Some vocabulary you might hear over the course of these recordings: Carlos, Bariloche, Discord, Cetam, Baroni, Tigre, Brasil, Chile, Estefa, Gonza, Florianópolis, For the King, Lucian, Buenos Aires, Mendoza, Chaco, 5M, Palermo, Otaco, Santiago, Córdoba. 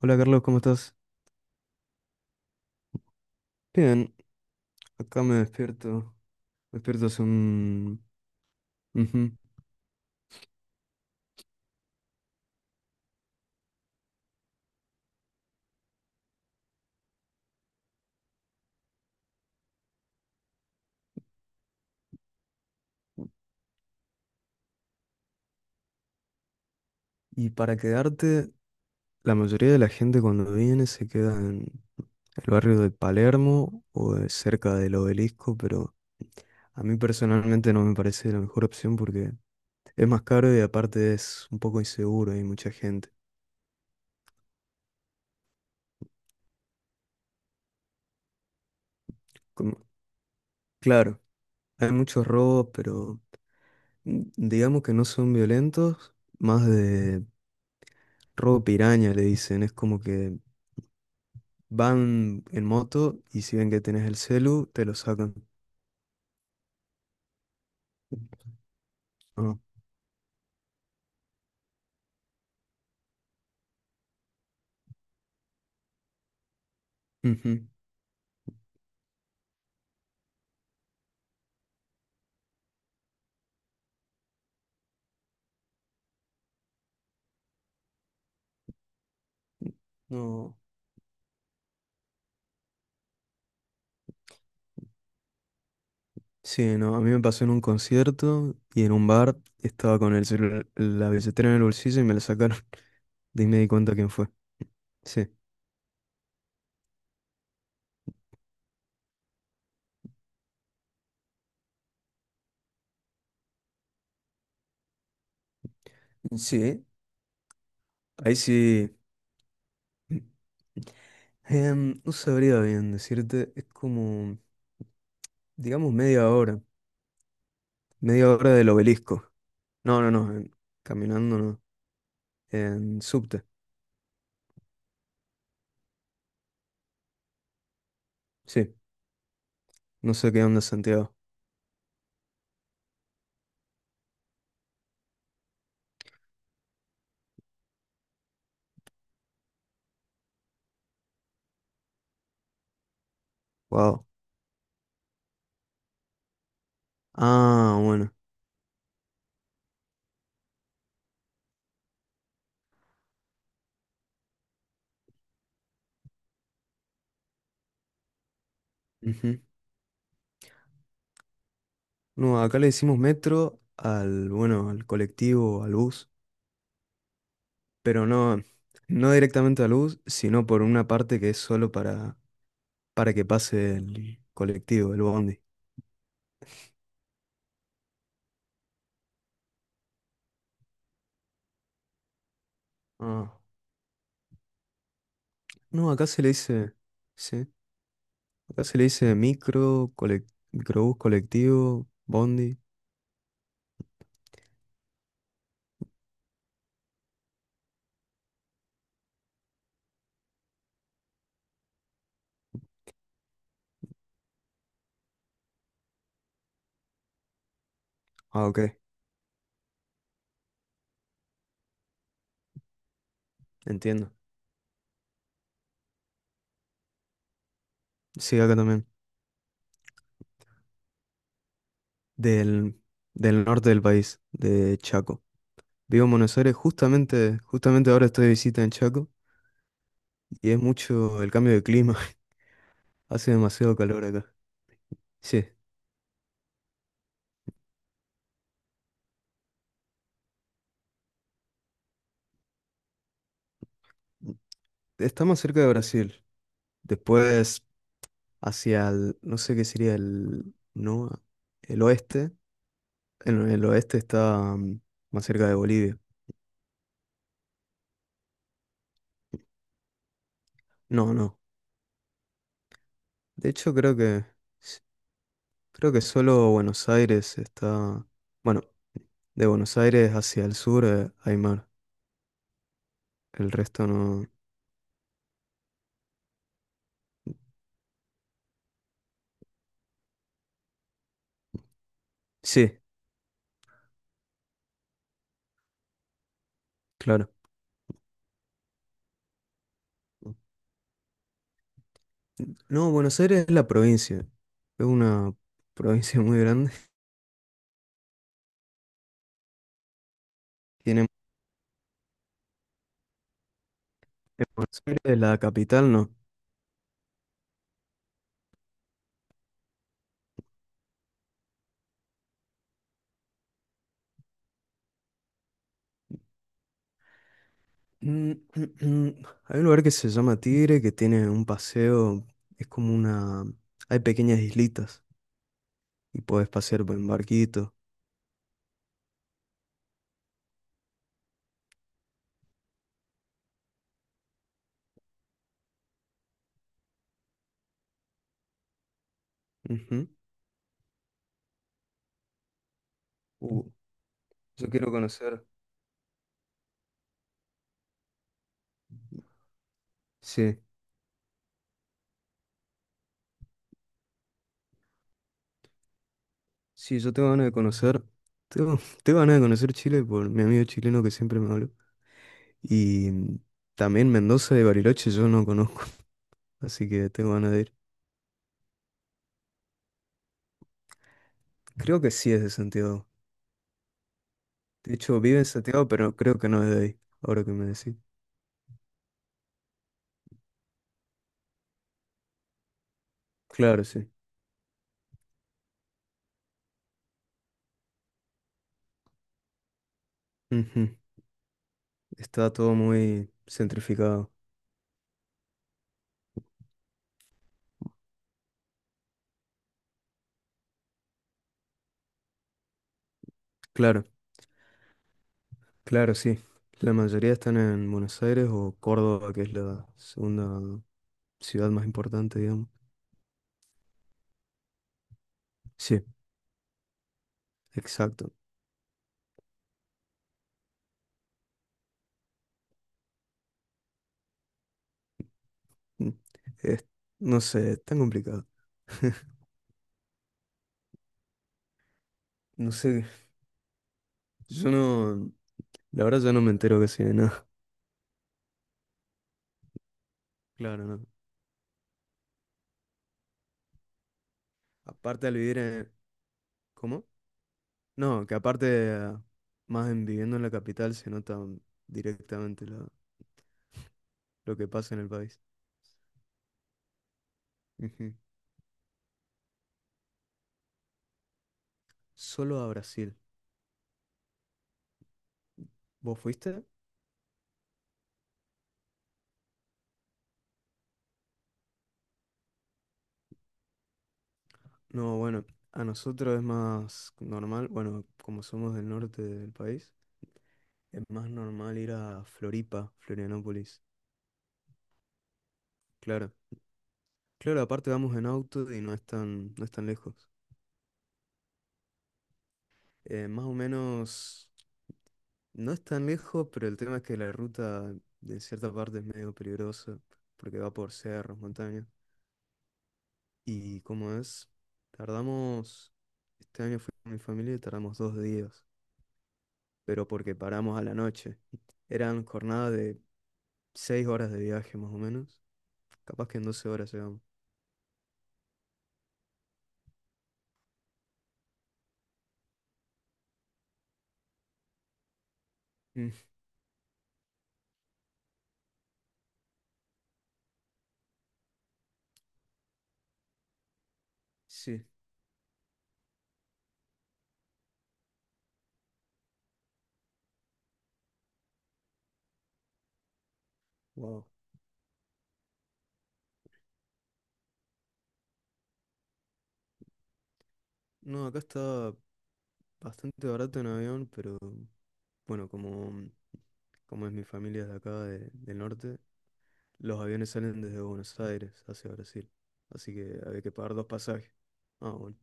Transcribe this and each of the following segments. Hola Carlos, ¿cómo estás? Bien, acá me despierto. Me despierto hace un. Ujú. Y para quedarte, la mayoría de la gente cuando viene se queda en el barrio de Palermo o de cerca del Obelisco, pero a mí personalmente no me parece la mejor opción porque es más caro y aparte es un poco inseguro, hay mucha gente. Como- Claro, hay muchos robos, pero digamos que no son violentos, más de robo piraña le dicen, es como que van en moto y si ven que tenés el celu, te lo sacan. No. Ujú. No. Sí, no. A mí me pasó en un concierto y en un bar estaba con el celular, la billetera en el bolsillo y me la sacaron. De ahí me di cuenta quién fue. Sí. Sí. Ahí sí. No sabría bien decirte. Es como, digamos, media hora. Media hora del Obelisco. No, no, no, caminando no. En subte. Sí. No sé qué onda Santiago. Wow. Ah, bueno. Ujú. No, acá le decimos metro al, bueno, al colectivo, al bus, pero no, no directamente al bus, sino por una parte que es solo para que pase el colectivo, el bondi. Ah, no, acá se le dice, sí, acá se le dice micro, microbús, colectivo, bondi. Ah, ok, entiendo. Sí, acá también, del, del norte del país, de Chaco. Vivo en Buenos Aires, justamente ahora estoy de visita en Chaco. Y es mucho el cambio de clima. Hace demasiado calor acá. Sí, está más cerca de Brasil. Después, hacia el, no sé qué sería el, no, el oeste. En el oeste está más cerca de Bolivia. No, no. De hecho, s- creo que solo Buenos Aires está, bueno, de Buenos Aires hacia el sur, hay mar. El resto no. Sí, claro. No, Buenos Aires es la provincia. Es una provincia muy grande. Tiene Buenos Aires, la capital, no. Mm, mm, mm. Hay un lugar que se llama Tigre, que tiene un paseo, es como una. Hay pequeñas islitas y podés pasear por en barquito. Ujú. Uh, yo quiero conocer. Sí, sí, yo tengo ganas de conocer. Tengo, tengo ganas de conocer Chile por mi amigo chileno que siempre me habló. Y también Mendoza y Bariloche yo no conozco, así que tengo ganas de ir. Creo que sí es de Santiago. De hecho, vive en Santiago, pero creo que no es de ahí, ahora que me decís. Claro, sí. Ujú. Está todo muy centrificado. Claro, claro, sí. La mayoría están en Buenos Aires o Córdoba, que es la segunda ciudad más importante, digamos. Sí, exacto. Mm. Es- no sé, es tan complicado. No sé, yo no, la verdad yo no me entero casi de nada. Claro, no. Aparte al vivir en. ¿Cómo? No, que aparte más en viviendo en la capital se nota directamente lo que pasa en el país. Ujú. Solo a Brasil. ¿Vos fuiste? No, bueno, a nosotros es más normal, bueno, como somos del norte del país, es más normal ir a Floripa, Florianópolis. Claro, claro, aparte vamos en auto y no es tan lejos. Más o menos, no es tan lejos, pero el tema es que la ruta en cierta parte es medio peligrosa, porque va por cerros, montañas. Y como es, tardamos, este año fui con mi familia y tardamos 2 días, pero porque paramos a la noche. Eran jornadas. 6 horas de viaje más o menos. Capaz que en 12 horas llegamos. Mm, sí, wow. No, acá está bastante barato en avión, pero bueno, como es mi familia de acá, del norte, los aviones salen desde Buenos Aires hacia Brasil. Así que había que pagar dos pasajes. Ah, bueno.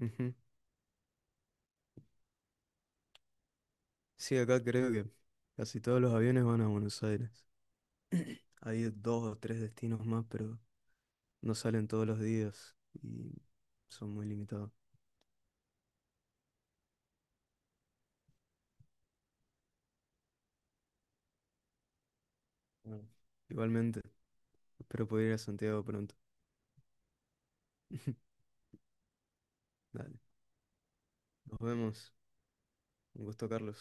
Ujú. Sí, acá creo que casi todos los aviones van a Buenos Aires. Hay dos o tres destinos más, pero no salen todos los días y son muy limitados. Bueno, igualmente. Espero poder ir a Santiago pronto. Dale, nos vemos. Un gusto, Carlos.